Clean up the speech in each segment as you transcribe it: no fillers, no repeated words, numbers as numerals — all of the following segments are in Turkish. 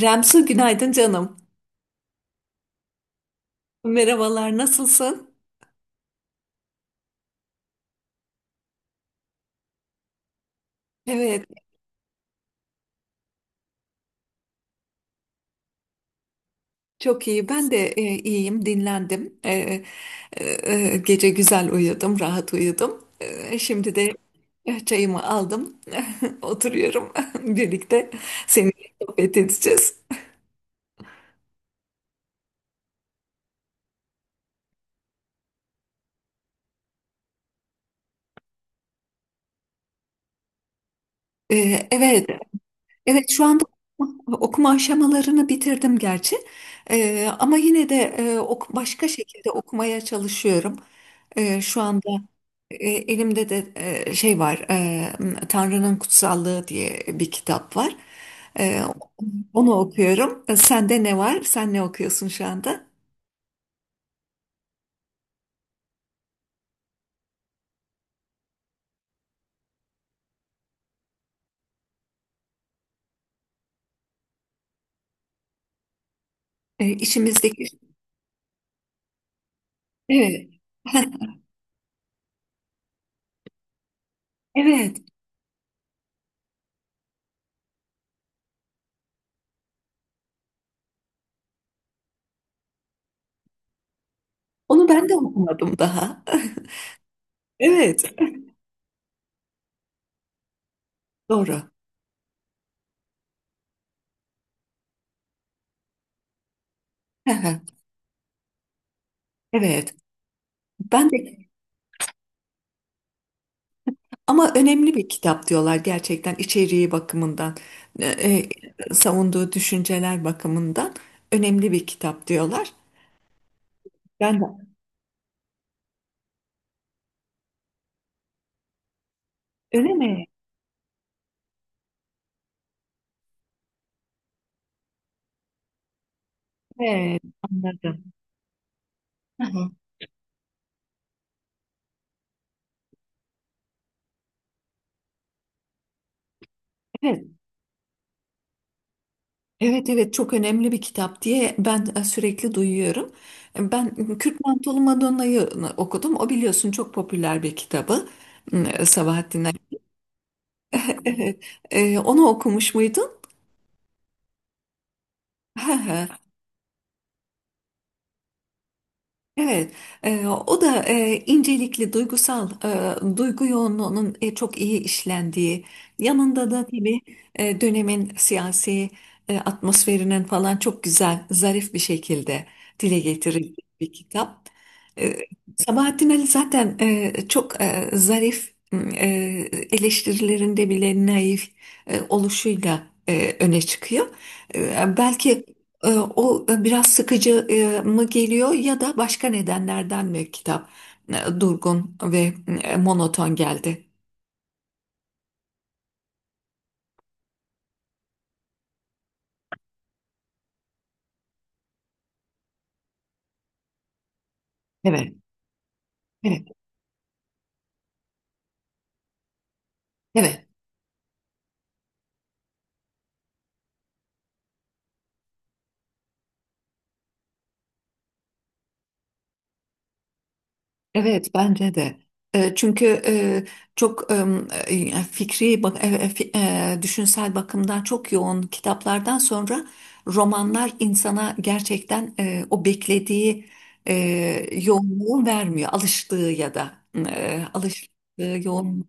Remsu günaydın canım. Merhabalar, nasılsın? Evet, çok iyi. Ben de iyiyim, dinlendim. E, Gece güzel uyudum, rahat uyudum. Şimdi de çayımı aldım. Oturuyorum birlikte. Seninle sohbet edeceğiz. Evet, evet, şu anda okuma aşamalarını bitirdim gerçi. Ama yine de başka şekilde okumaya çalışıyorum. Şu anda elimde de şey var, Tanrı'nın Kutsallığı diye bir kitap var. E, Onu okuyorum. Sende ne var? Sen ne okuyorsun şu anda? İçimizdeki... Evet, evet. Onu ben de okumadım daha. Evet, doğru. Evet, ben de, ama önemli bir kitap diyorlar, gerçekten içeriği bakımından, e, savunduğu düşünceler bakımından önemli bir kitap diyorlar. Ben de. Öyle mi? Evet, anladım. Evet, evet, evet, çok önemli bir kitap diye ben sürekli duyuyorum. Ben Kürt Mantolu Madonna'yı okudum. O biliyorsun çok popüler bir kitabı Sabahattin Ali. Evet. Onu okumuş muydun? Evet, o da incelikli, duygusal, duygu yoğunluğunun çok iyi işlendiği, yanında da tabii dönemin siyasi atmosferinin falan çok güzel, zarif bir şekilde dile getirildiği bir kitap. E, Sabahattin Ali zaten çok zarif, eleştirilerinde bile naif oluşuyla öne çıkıyor. Belki e, o biraz sıkıcı mı geliyor, ya da başka nedenlerden mi kitap durgun ve monoton geldi? Evet, evet, evet, evet, bence de. Çünkü çok e, fikri, bak- e, e, fi- e, düşünsel bakımdan çok yoğun kitaplardan sonra romanlar insana gerçekten o beklediği e, yoğunluğu vermiyor. Alıştığı ya da alıştığı yoğunluğu.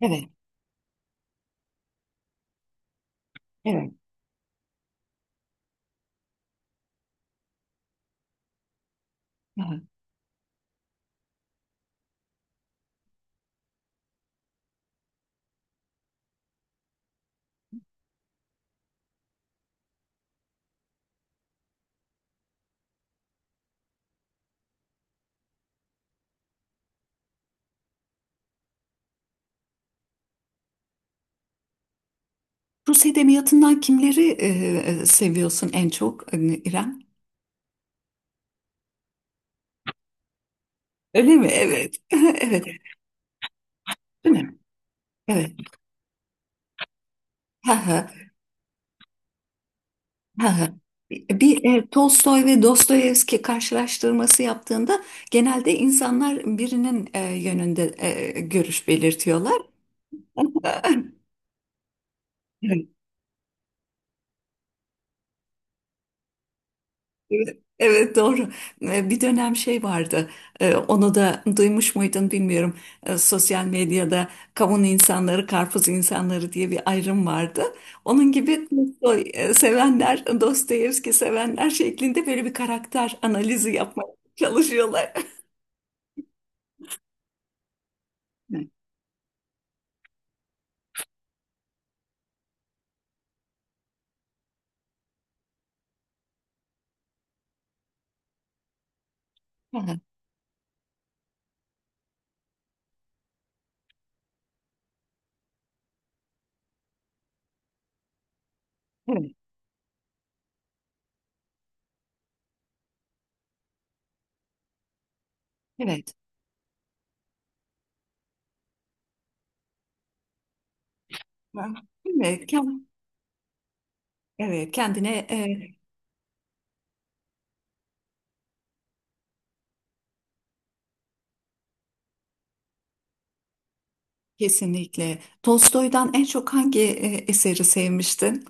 Evet, evet. Rus edebiyatından kimleri seviyorsun en çok, hani İrem? Öyle mi? Evet. Evet. Değil mi? Evet. Ha ha. Ha ha. Bir Tolstoy ve Dostoyevski karşılaştırması yaptığında genelde insanlar birinin yönünde görüş belirtiyorlar. Evet, evet, doğru. Bir dönem şey vardı. Onu da duymuş muydun bilmiyorum. Sosyal medyada kavun insanları, karpuz insanları diye bir ayrım vardı. Onun gibi Tolstoy sevenler, Dostoyevski sevenler şeklinde böyle bir karakter analizi yapmaya çalışıyorlar. Evet, aha, evet, evet. Ha, evet, evet, kendine kesinlikle. Tolstoy'dan en çok hangi eseri sevmiştin?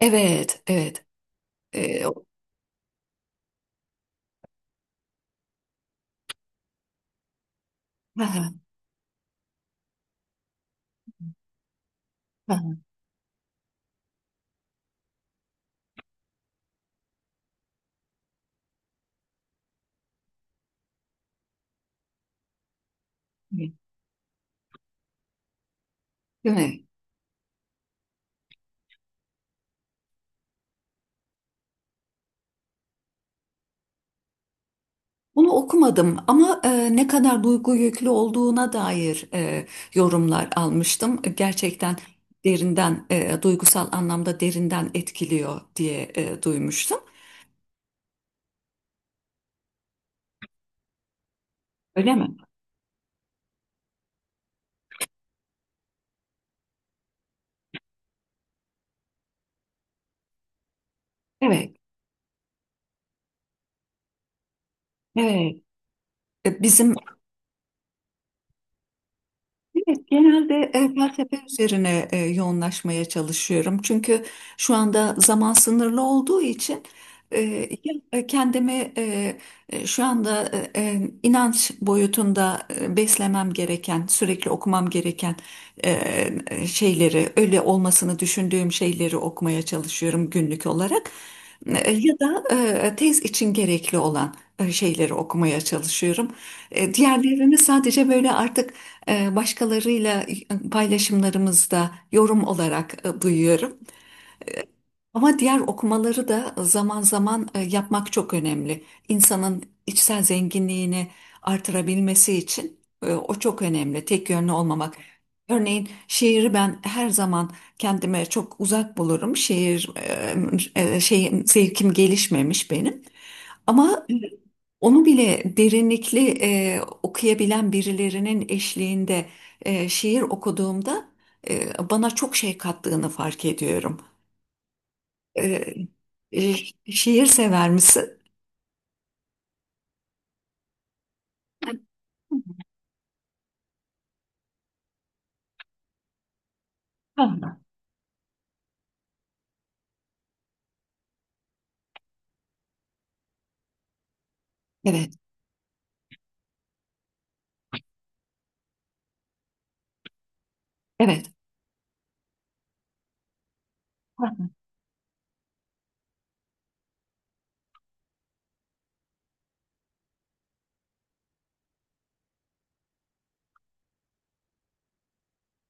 Evet, evet. E, Ha, evet. Evet. Bunu okumadım ama ne kadar duygu yüklü olduğuna dair yorumlar almıştım. Gerçekten derinden, duygusal anlamda derinden etkiliyor diye duymuştum. Öyle mi? Evet, evet. E, Bizim Evet, genelde felsefe üzerine yoğunlaşmaya çalışıyorum. Çünkü şu anda zaman sınırlı olduğu için e, kendimi şu anda inanç boyutunda beslemem gereken, sürekli okumam gereken e, şeyleri, öyle olmasını düşündüğüm şeyleri okumaya çalışıyorum günlük olarak. Ya da tez için gerekli olan şeyleri okumaya çalışıyorum. Diğerlerini sadece böyle artık başkalarıyla paylaşımlarımızda yorum olarak duyuyorum. Ama diğer okumaları da zaman zaman yapmak çok önemli. İnsanın içsel zenginliğini artırabilmesi için o çok önemli. Tek yönlü olmamak. Örneğin şiiri ben her zaman kendime çok uzak bulurum. Şiir şeyim, zevkim gelişmemiş benim. Ama onu bile derinlikli okuyabilen birilerinin eşliğinde şiir okuduğumda bana çok şey kattığını fark ediyorum. E, e, Şiir sever misin? Ha, evet, evet, ha,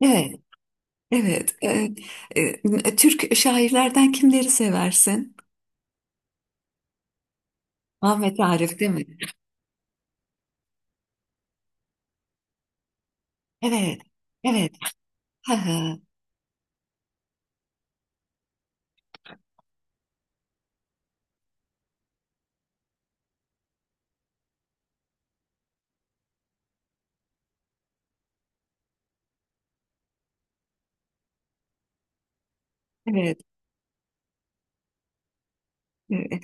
evet, evet. Türk şairlerden kimleri seversin? Ahmet Arif, değil mi? Evet, evet, ha, ha, evet. E,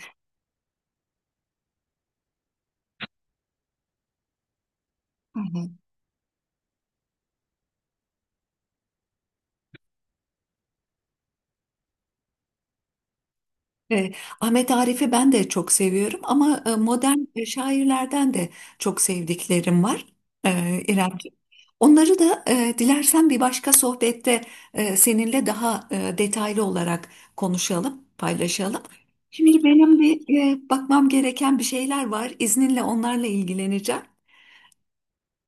E, Ahmet Arif'i ben de çok seviyorum ama modern şairlerden de çok sevdiklerim var, İremciğim. Onları da dilersen bir başka sohbette seninle daha detaylı olarak konuşalım, paylaşalım. Şimdi benim bir bakmam gereken bir şeyler var. İzninle onlarla ilgileneceğim.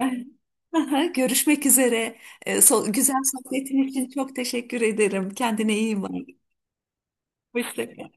Evet. Aha, görüşmek üzere. Güzel sohbetin için çok teşekkür ederim. Kendine iyi bak. Hoşça kal.